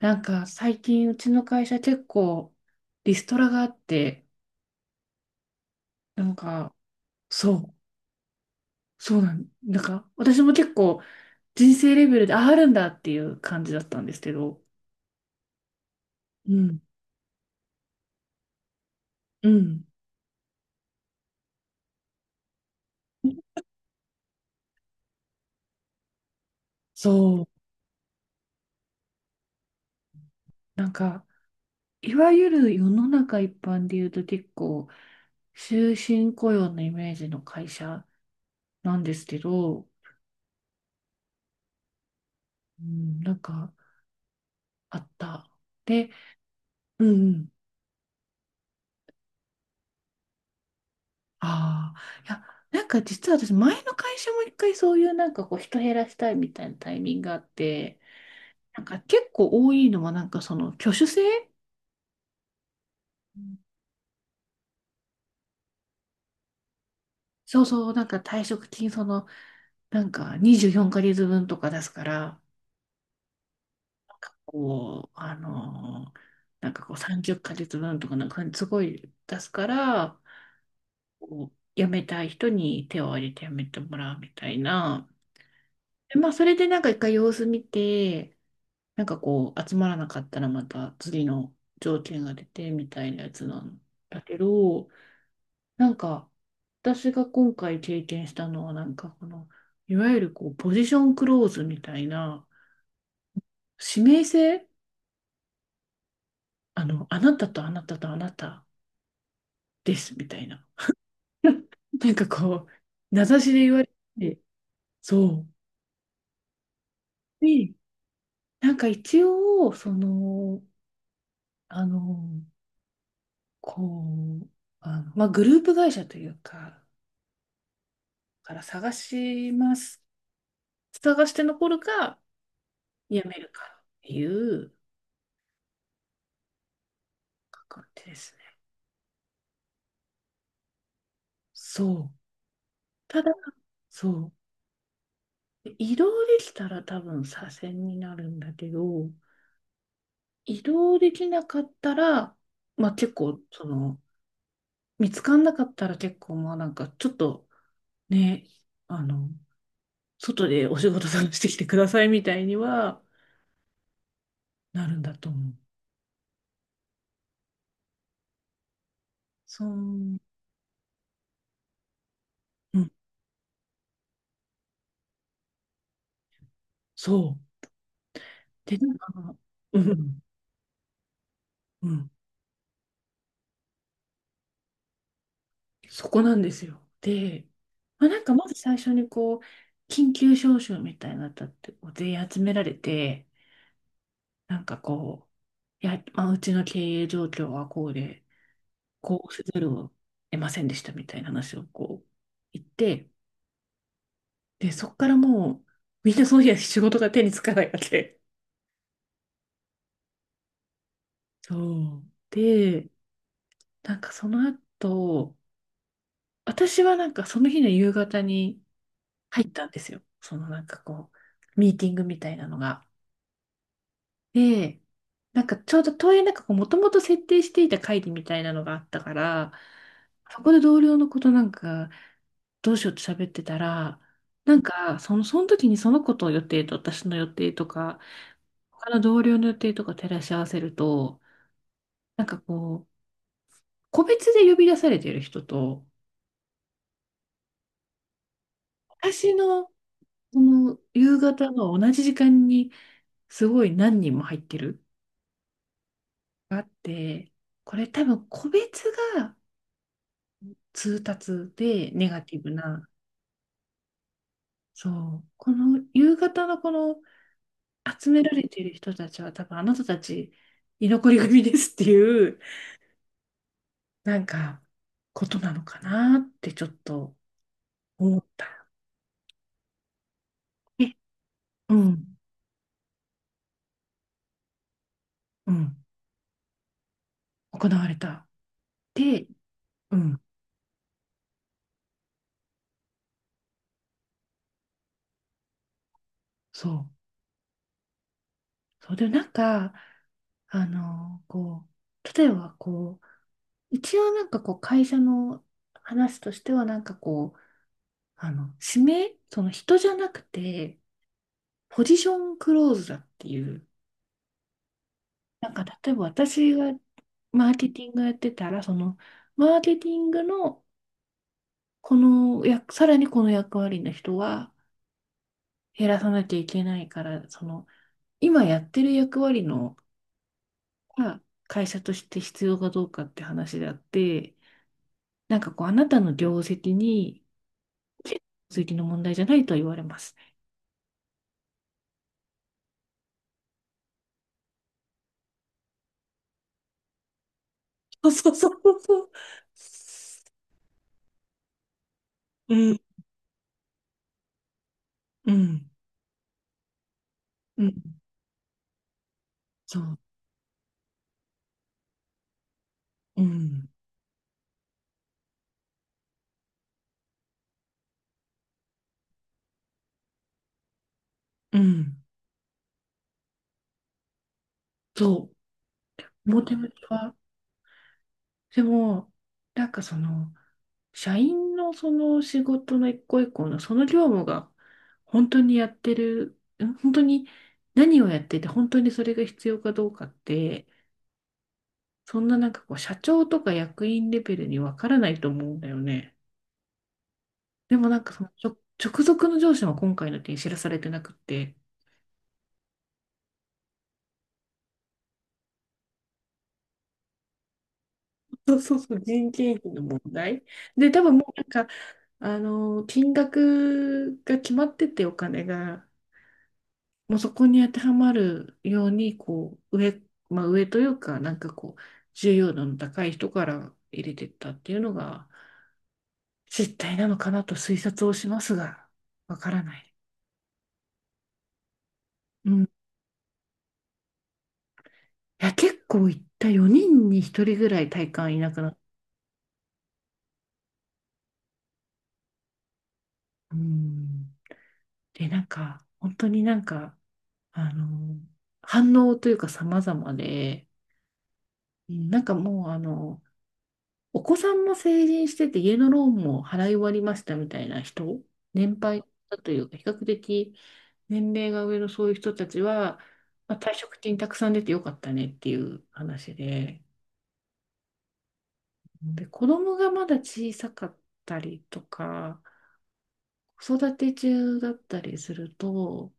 最近うちの会社結構リストラがあって、なんかそう、私も結構人生レベルでああるんだっていう感じだったんですけど、うん、うん、そう、なんかいわゆる世の中一般で言うと結構終身雇用のイメージの会社なんですけど、うん、なんかあった。で、うんうんああ、いや、実は私、前の会社も一回そういう人減らしたいみたいなタイミングがあって、結構多いのは挙手制。うん。そうそう、退職金その、24ヶ月分とか出すから、なんかこう、あのー30ヶ月分とかすごい出すから、辞めたい人に手を挙げて辞めてもらうみたいな。でまあ、それで一回様子見て、集まらなかったらまた次の条件が出てみたいなやつなんだけど、なんか、私が今回経験したのは、なんかこの、いわゆるポジションクローズみたいな、指名制。あなたとあなたとあなたですみたいな。なんかこ名指しで言われて、そう。で、一応、あの、こう、まあ、グループ会社というか、から探します。探して残るか、やめるかっていう感じですね。そう。ただ、そう。移動できたら多分左遷になるんだけど、移動できなかったら、まあ結構、見つかんなかったら結構、まあちょっとね、あの、外でお仕事探してきてくださいみたいにはなるんだと思う。そう。うん、そう。で、なんか、うん、うん。そこなんですよ。で、まあ、まず最初にこう、緊急招集みたいなのだってこう全員集められて、なんかこいや、まあ、うちの経営状況はこうで、こうせざるを得ませんでしたみたいな話をこう言って、で、そこからもう、みんなその日は仕事が手につかないわけ。そう。で、その後、私はその日の夕方に入ったんですよ。そのミーティングみたいなのが。で、なんかちょうどというなんかこう、もともと設定していた会議みたいなのがあったから、そこで同僚のことどうしようって喋ってたら、その時にその子と予定と私の予定とか、他の同僚の予定とか照らし合わせると、なんかこう、個別で呼び出されている人と、私のその夕方の同じ時間にすごい何人も入ってるがあって、これ多分個別が通達でネガティブな、そう、この夕方のこの集められている人たちは多分あなたたち居残り組ですっていう、なんかことなのかなってちょっと思った。え、うん、うん、行われた。で、うん、そう。そう、でなんか、あの、こう、例えば一応会社の話としては指名、その人じゃなくて、ポジションクローズだっていう、例えば私がマーケティングやってたら、そのマーケティングのこの役、さらにこの役割の人は減らさなきゃいけないから、その今やってる役割のが会社として必要かどうかって話であって、あなたの業績に業績の問題じゃないとは言われます。そうそうそうそう。うん、うん、うん、そう、うん、うん、そう。表向きは。でも、その、社員のその仕事の一個一個のその業務が本当にやってる、ん本当に何をやってて本当にそれが必要かどうかって、そんな社長とか役員レベルにわからないと思うんだよね。でもその直直属の上司は今回の件知らされてなくって、そうそうそう、人件費の問題。で、多分もう金額が決まっててお金が。もうそこに当てはまるように、まあ上というか、重要度の高い人から入れてったっていうのが、実態なのかなと推察をしますが、わからない。うん。いや、結構いった4人に1人ぐらい体感いなくなった。うん。で、本当にあの、反応というか様々で、うんなんかもう、あの、お子さんも成人してて家のローンも払い終わりましたみたいな人、年配だというか、比較的年齢が上のそういう人たちは、まあ、退職金たくさん出てよかったねっていう話で、で、子供がまだ小さかったりとか、子育て中だったりすると、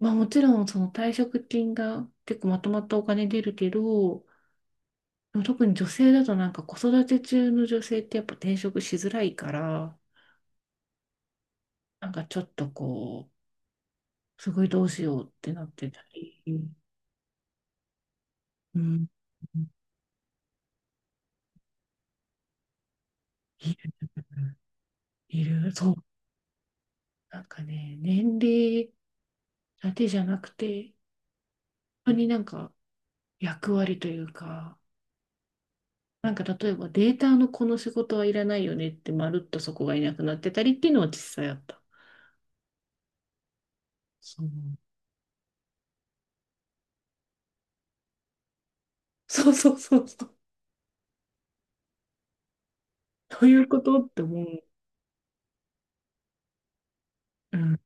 まあもちろんその退職金が結構まとまったお金出るけど、でも特に女性だと子育て中の女性ってやっぱ転職しづらいから、なんかちょっとこう、すごいどうしようってなってたり、うん、いる、いる、そう。年齢だけじゃなくて、本当に役割というか、例えばデータのこの仕事はいらないよねってまるっとそこがいなくなってたりっていうのは実際あった。そう、そうそうそうそう。どういうことって思う。うん。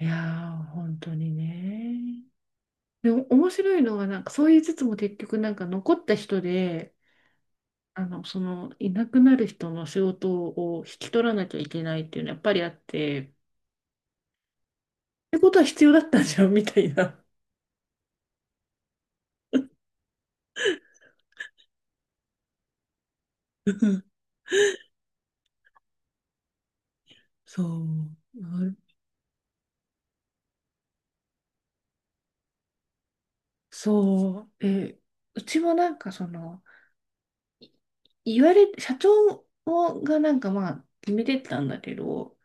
いやー、本当にね。でも面白いのはそう言いつつも結局残った人で、いなくなる人の仕事を引き取らなきゃいけないっていうのはやっぱりあって、ってことは必要だったじゃん、みたいな。うんそう、なるそう、うちもなんかその、い言われ、社長がまあ決めてたんだけど、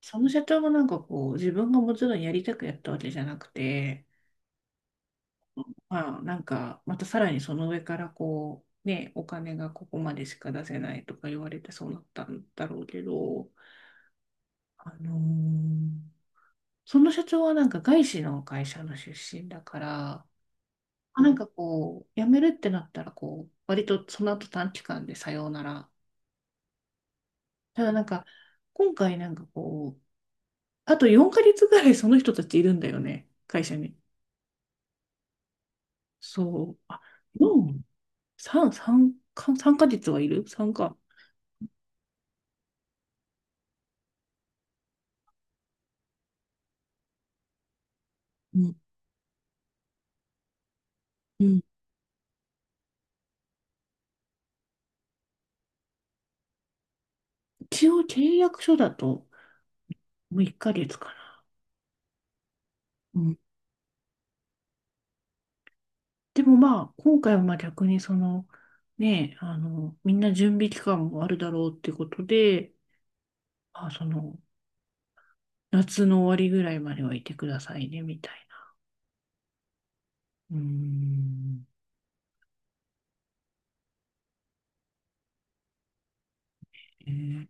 その社長も自分がもちろんやりたくやったわけじゃなくて、まあまたさらにその上からこう、ね、お金がここまでしか出せないとか言われてそうなったんだろうけど、あのーその社長は外資の会社の出身だから、あ辞めるってなったら、こう、割とその後短期間でさようなら。ただなんか、今回なんかこう、あと4ヶ月ぐらいその人たちいるんだよね、会社に。そう。あ、4、3、3ヶ月はいる？ 3 か。うん。うん。一応契約書だと、もう1ヶ月かな。でもまあ、今回はまあ逆にその、ね、あの、みんな準備期間もあるだろうってことで、まあ、その、夏の終わりぐらいまではいてくださいね、みたいな。うーん。えー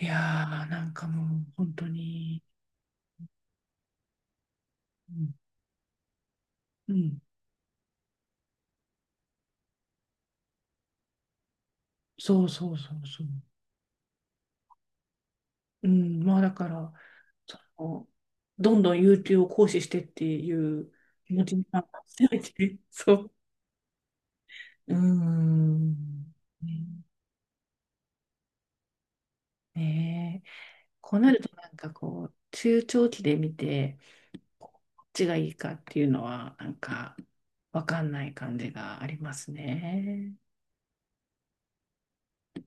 いやー、なんかもう、本当に、うん、うんそうそうそうそう。うん、まあだから、その、どんどん有給を行使してっていう気持ちが強いね。そう。うーん。ねねえこうなると中長期で見てこっちがいいかっていうのはわかんない感じがありますね。